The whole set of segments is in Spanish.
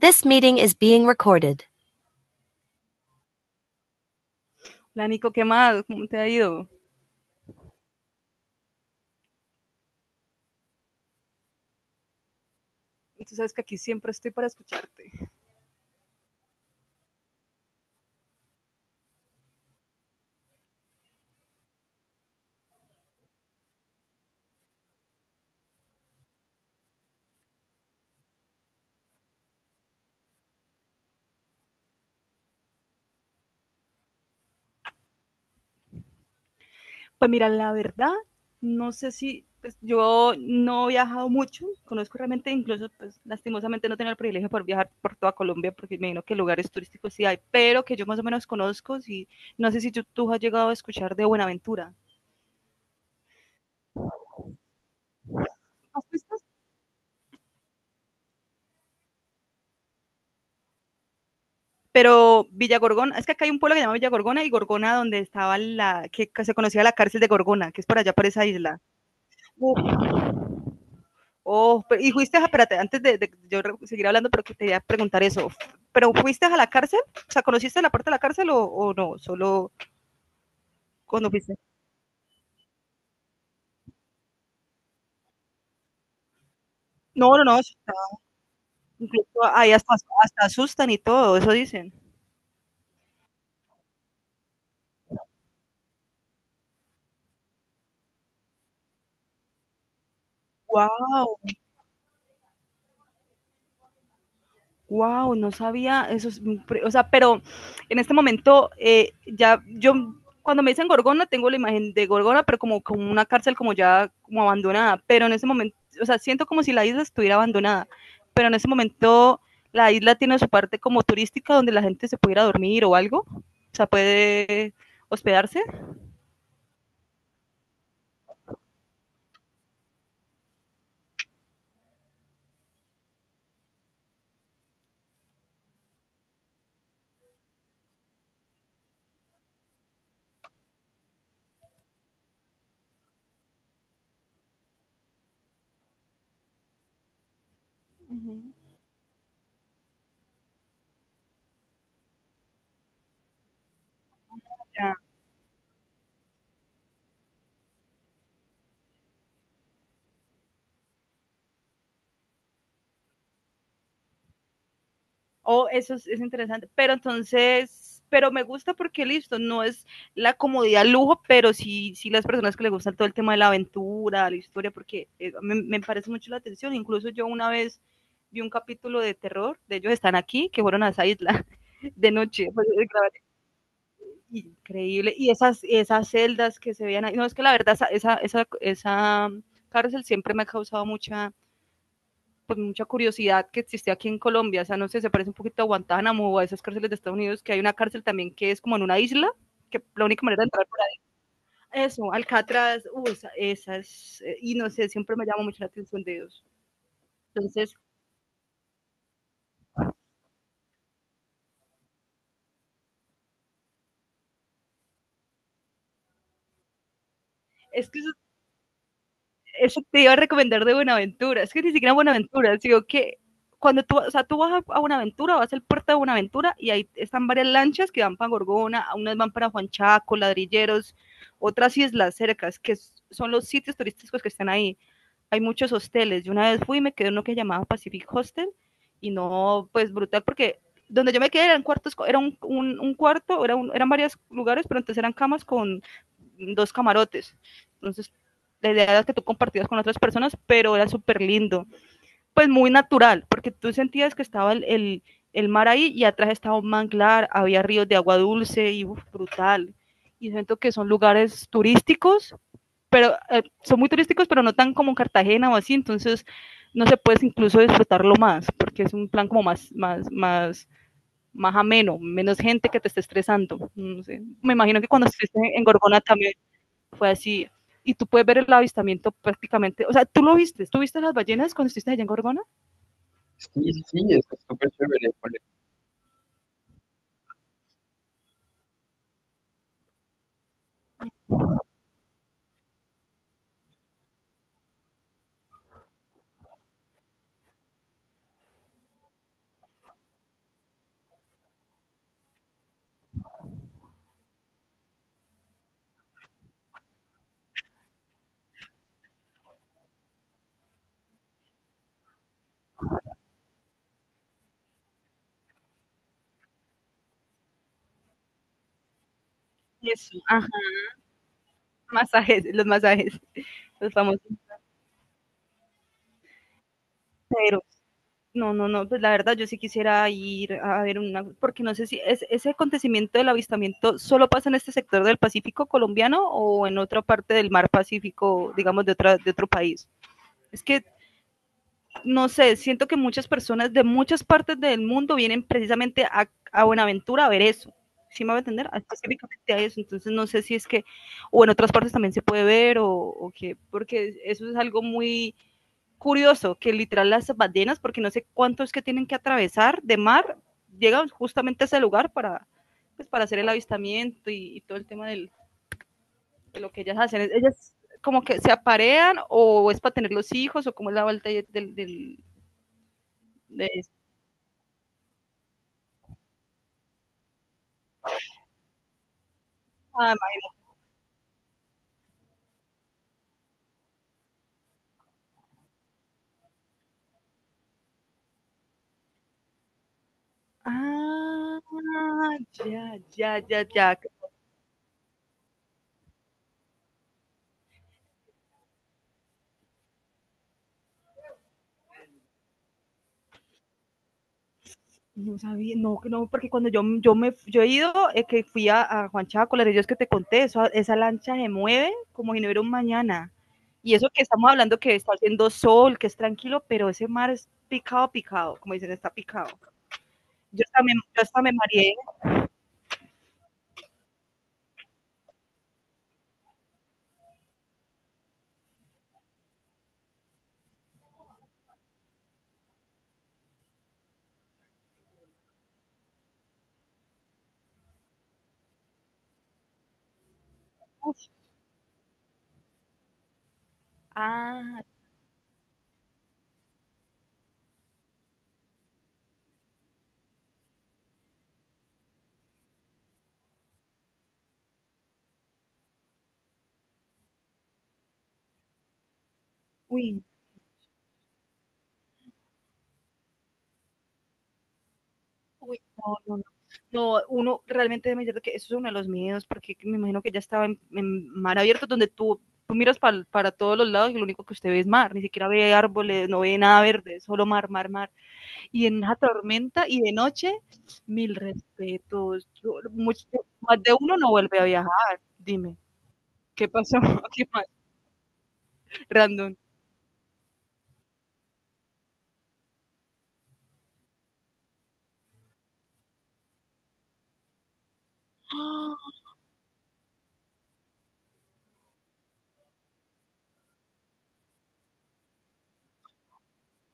This meeting is being recorded. La Nico, ¿qué más? ¿Cómo te ha ido? Tú sabes que aquí siempre estoy para escucharte. Pues mira, la verdad, no sé si pues, yo no he viajado mucho, conozco realmente, incluso pues lastimosamente no tengo el privilegio por viajar por toda Colombia, porque me imagino que lugares turísticos sí hay, pero que yo más o menos conozco, sí, no sé si tú has llegado a escuchar de Buenaventura. ¿Has visto? Pero Villa Gorgona, es que acá hay un pueblo que se llama Villa Gorgona y Gorgona donde estaba la, que se conocía la cárcel de Gorgona, que es por allá, por esa isla. Uf. Oh, pero, y fuiste, a, espérate, antes de yo seguir hablando, pero que te quería preguntar eso. ¿Pero fuiste a la cárcel? O sea, ¿conociste la parte de la cárcel o no? Solo cuando fuiste. No, no, no. Incluso ahí hasta asustan y todo, eso dicen. Wow. Wow, no sabía eso. Es, o sea, pero en este momento ya yo cuando me dicen Gorgona tengo la imagen de Gorgona, pero como una cárcel como ya como abandonada. Pero en ese momento, o sea, siento como si la isla estuviera abandonada. Pero en ese momento la isla tiene su parte como turística donde la gente se puede ir a dormir o algo. O sea, puede hospedarse. Uh -huh. Ya. Oh, eso es interesante. Pero entonces, pero me gusta porque listo, no es la comodidad lujo, pero sí, sí las personas que les gusta todo el tema de la aventura, la historia, porque me parece mucho la atención. Incluso yo una vez vi un capítulo de terror, de ellos están aquí, que fueron a esa isla de noche, pues, de grabar. Increíble, y esas celdas que se veían ahí, no, es que la verdad, esa cárcel siempre me ha causado mucha, pues, mucha curiosidad que existe aquí en Colombia. O sea, no sé, se parece un poquito a Guantánamo o a esas cárceles de Estados Unidos, que hay una cárcel también que es como en una isla, que la única manera de entrar por ahí. Eso, Alcatraz, y no sé, siempre me llama mucho la atención de ellos. Entonces, es que eso te iba a recomendar de Buenaventura. Es que ni siquiera Buenaventura, digo que cuando tú, o sea, tú vas a Buenaventura, vas al puerto de Buenaventura y ahí están varias lanchas que van para Gorgona, unas van para Juan Chaco, Ladrilleros, otras islas cercas, que son los sitios turísticos que están ahí hay muchos hosteles. Yo una vez fui y me quedé en uno que llamaba Pacific Hostel y no, pues brutal, porque donde yo me quedé eran cuartos, era un cuarto, eran varios lugares, pero entonces eran camas con dos camarotes. Entonces, la idea era que tú compartías con otras personas, pero era súper lindo. Pues muy natural, porque tú sentías que estaba mar ahí y atrás estaba un manglar, había ríos de agua dulce y uf, brutal. Y siento que son lugares turísticos pero son muy turísticos, pero no tan como Cartagena o así, entonces no se puede incluso disfrutarlo más, porque es un plan como más, más, más, más ameno, menos gente que te esté estresando. No sé. Me imagino que cuando estuviste en Gorgona también fue así. Y tú puedes ver el avistamiento prácticamente, o sea, tú lo viste, ¿tú viste las ballenas cuando estuviste allá en Gorgona? Sí, sí, eso es súper chévere. Eso, ajá, masajes, los famosos pero. No, no, no, pues la verdad yo sí quisiera ir a ver una, porque no sé si es, ese acontecimiento del avistamiento solo pasa en este sector del Pacífico colombiano o en otra parte del mar Pacífico, digamos, de, otra, de otro país. Es que, no sé, siento que muchas personas de muchas partes del mundo vienen precisamente a Buenaventura a ver eso. ¿Sí me va a entender? Específicamente a eso. Entonces no sé si es que, o en otras partes también se puede ver o qué, porque eso es algo muy curioso que literal las ballenas, porque no sé cuántos que tienen que atravesar de mar, llegan justamente a ese lugar para, pues, para hacer el avistamiento y todo el tema del, de lo que ellas hacen. Ellas como que se aparean o es para tener los hijos o cómo es la vuelta del... del, ¿de eso? Ah, ya, ya, ya, ya. No sabía, no, no, porque cuando yo he ido, que fui a Juan Chaco, la es que te conté, esa lancha se mueve como si no hubiera un mañana. Y eso que estamos hablando que está haciendo sol, que es tranquilo, pero ese mar es picado, picado, como dicen, está picado. Yo hasta me mareé. Uf, ah, uy. Uy, no, no, no. No, uno realmente me que eso es uno de los miedos, porque me imagino que ya estaba en mar abierto, donde tú miras para todos los lados y lo único que usted ve es mar, ni siquiera ve árboles, no ve nada verde, solo mar, mar, mar. Y en una tormenta y de noche, mil respetos. Más de uno no vuelve a viajar. Dime, ¿qué pasó? ¿Qué más? Random.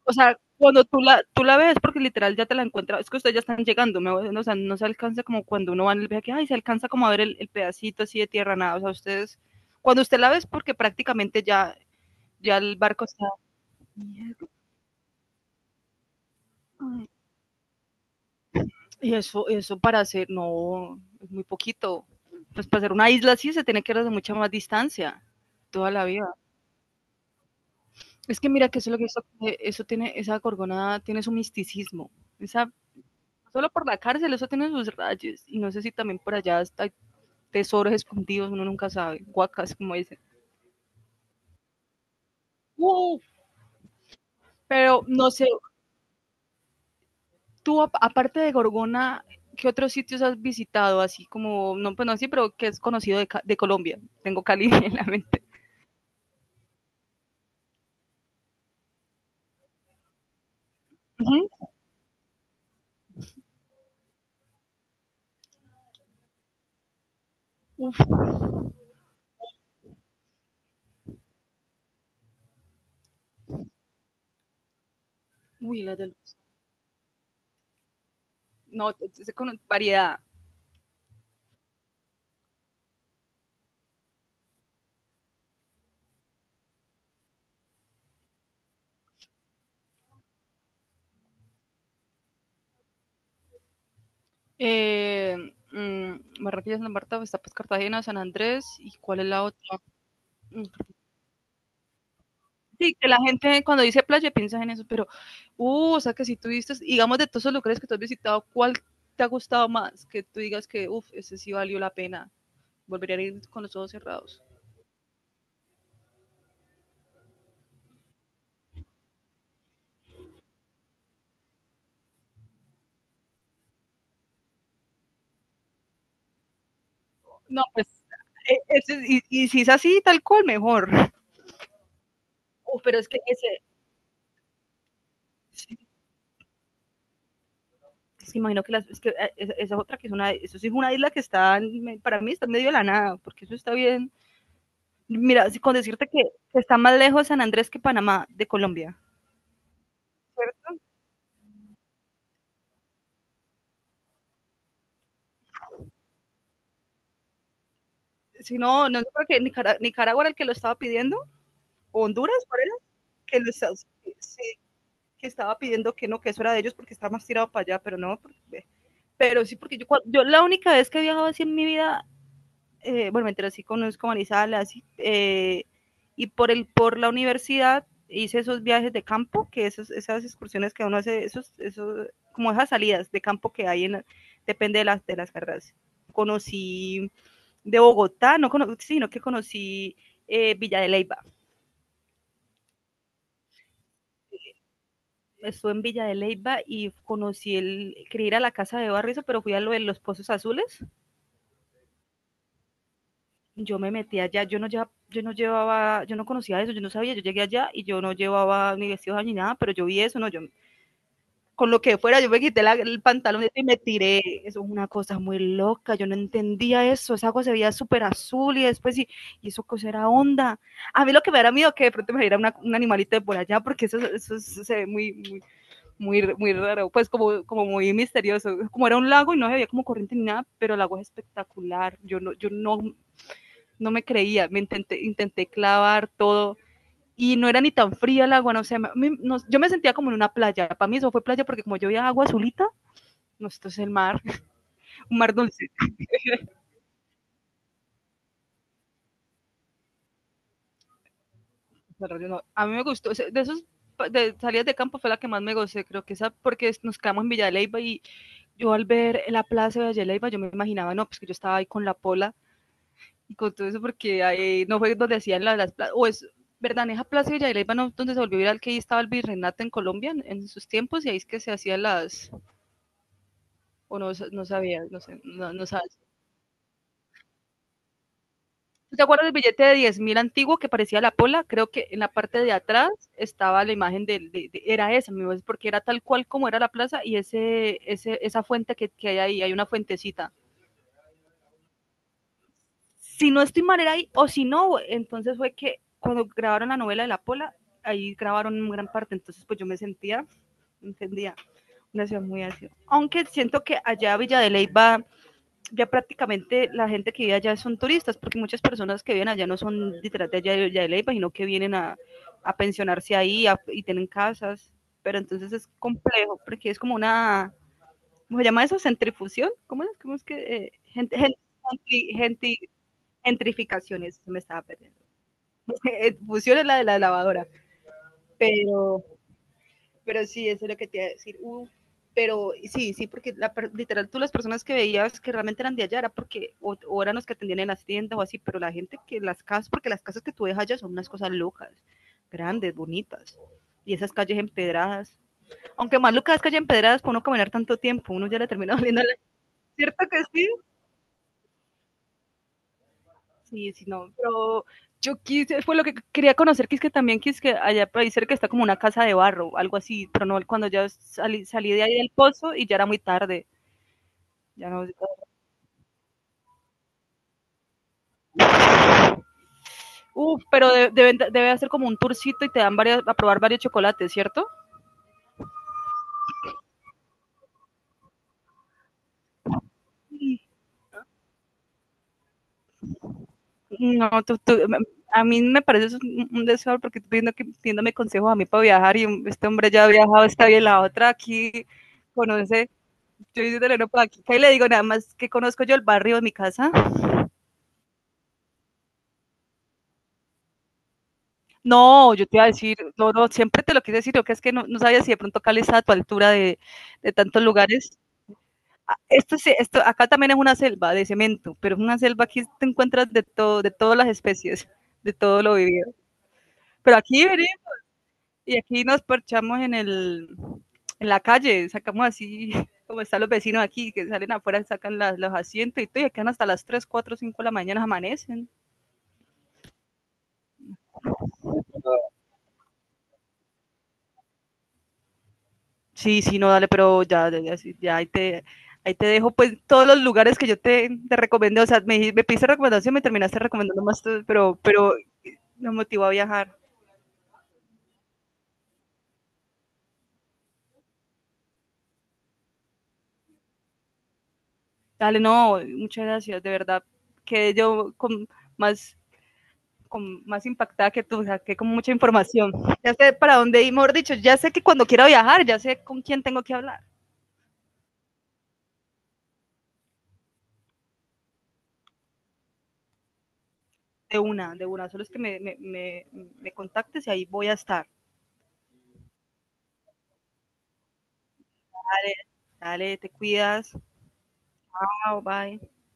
O sea, cuando tú la ves, porque literal ya te la encuentras, es que ustedes ya están llegando, ¿me? O sea, no se alcanza como cuando uno va en el viaje, que, ay, se alcanza como a ver pedacito así de tierra, nada, o sea, ustedes, cuando usted la ves, porque prácticamente ya, ya el barco está, y eso para hacer, no, es muy poquito, pues para hacer una isla así se tiene que ir de mucha más distancia, toda la vida. Es que mira que eso es lo que eso tiene, esa Gorgona tiene su misticismo, esa solo por la cárcel, eso tiene sus rayos. Y no sé si también por allá hay tesoros escondidos, uno nunca sabe. Guacas, como dicen. ¡Wow! Pero no sé, tú aparte de Gorgona, ¿qué otros sitios has visitado? Así como, no, pues no así, pero que es conocido de, de Colombia. Tengo Cali en la mente. Ujú. Uf, uy, la del... No, con variedad. Eh, Barranquilla, Santa Marta, está pues Cartagena, San Andrés, ¿y cuál es la otra? Mm, sí, que la gente cuando dice playa piensa en eso, pero, o sea, que si tú viste, digamos, de todos los lugares que tú has visitado, ¿cuál te ha gustado más? Que tú digas que, uff, ese sí valió la pena, volvería a ir con los ojos cerrados. No, pues, y, si es así, tal cual, mejor. Pero es que ese, sí, sí, imagino que, las, es que esa otra que es una, eso sí es una isla que está, para mí está en medio de la nada, porque eso está bien. Mira, sí, con decirte que está más lejos San Andrés que Panamá de Colombia. Si no, no creo que Nicaragua, Nicaragua era el que lo estaba pidiendo, o Honduras, ¿cuál era? Que, lo estaba, sí, que estaba pidiendo que no, que eso era de ellos porque estaba más tirado para allá, pero no, porque, pero sí, porque yo la única vez que he viajado así en mi vida, bueno, mentira, sí conozco Manizales, así, y por la universidad hice esos viajes de campo, que esos, esas excursiones que uno hace, como esas salidas de campo que hay, en, depende de de las carreras. Conocí de Bogotá, no cono sino que conocí Villa de Leyva. Estuve en Villa de Leyva y conocí el, quería ir a la casa de Barrizo, pero fui a lo de los pozos azules. Yo me metí allá, yo no, llevaba, yo no llevaba, yo no conocía eso, yo no sabía, yo llegué allá y yo no llevaba ni vestidos ni nada, pero yo vi eso, no, yo con lo que fuera, yo me quité el pantalón y me tiré. Eso es una cosa muy loca, yo no entendía eso. Esa agua se veía súper azul y después, y eso cosa era onda. A mí lo que me da miedo que de pronto me diera un animalito de por allá, porque eso se ve muy, muy, muy, muy raro, pues como muy misterioso. Como era un lago y no se veía como corriente ni nada, pero el agua es espectacular. Yo no, yo no, no me creía, intenté clavar todo y no era ni tan fría el agua, no sé, yo me sentía como en una playa. Para mí eso fue playa porque como yo veía agua azulita, no, esto es el mar, un mar dulce. No, a mí me gustó, de esos de salidas de campo fue la que más me gocé, creo que esa, porque nos quedamos en Villa de Leyva y yo al ver la plaza de Villa de Leyva, yo me imaginaba, no, pues que yo estaba ahí con la pola y con todo eso, porque ahí no fue donde hacían las o es, verdad, en esa plaza de Villa de Leyva, no, donde se volvió viral que ahí estaba el virreinato en Colombia en sus tiempos, y ahí es que se hacían las, o no, no sabía, no sé, no, no sabía. ¿Tú te acuerdas del billete de 10.000 antiguo que parecía la pola? Creo que en la parte de atrás estaba la imagen del, era esa, mi voz, porque era tal cual como era la plaza y esa fuente que hay ahí, hay una fuentecita. Si no estoy mal, era ahí, o si no, entonces fue que cuando grabaron la novela de la pola, ahí grabaron en gran parte, entonces pues yo me sentía, entendía, una ciudad muy así. Aunque siento que allá Villa de Leyva ya prácticamente la gente que vive allá son turistas, porque muchas personas que viven allá no son literal de allá, de Leyva, sino que vienen a pensionarse ahí, a, y tienen casas, pero entonces es complejo, porque es como una, ¿cómo se llama eso? ¿Centrifusión? ¿Cómo es? ¿Cómo es que? Gente, Gentrificación, eso me estaba perdiendo. Fusión es la de la lavadora, pero pero sí, eso es lo que te iba a decir. Pero sí, sí, porque la, literal tú, las personas que veías que realmente eran de allá era porque o eran los que atendían en las tiendas o así, pero la gente que las casas, porque las casas que tú ves allá son unas cosas locas, grandes, bonitas, y esas calles empedradas, aunque más locas calles empedradas, por no caminar tanto tiempo, uno ya le termina oliendo, ¿cierto que sí? Sí, sí, no, pero yo quise, fue lo que quería conocer, que es que también que es que allá por ahí cerca está como una casa de barro, algo así, pero no, cuando ya salí de ahí del pozo y ya era muy tarde. Ya no. Pero debe hacer como un tourcito y te dan varias, a probar varios chocolates, ¿cierto? No, a mí me parece eso un deseo, porque estoy viendo que pidiéndome consejos a mí para viajar, y este hombre ya ha viajado, está bien, la otra aquí conoce, yo diciéndole no para aquí, y le digo nada más que conozco yo el barrio de mi casa. No, yo te iba a decir, no, no, siempre te lo quise decir, lo que es que no, no sabía si de pronto Cali está a tu altura de tantos lugares. Ah, esto, esto, acá también es una selva de cemento, pero es una selva, aquí te encuentras de todo, de todas las especies, de todo lo vivido. Pero aquí venimos y aquí nos parchamos en el, en la calle, sacamos así, como están los vecinos aquí, que salen afuera, sacan los asientos y todo, y quedan hasta las 3, 4, 5 de la mañana, amanecen. Sí, sí, no, dale, pero ya, ya, ya, sí, ya, ahí te dejo pues todos los lugares que yo te recomendé, o sea, me pediste recomendación, me terminaste recomendando más, tú, pero me motivó a viajar. Dale, no, muchas gracias, de verdad, que yo más, con más impactada que tú, o sea, que con mucha información. Ya sé para dónde ir, mejor dicho, ya sé que cuando quiera viajar, ya sé con quién tengo que hablar. De una, solo es que me contactes y ahí voy a estar. Dale, dale, te cuidas. Chao, bye.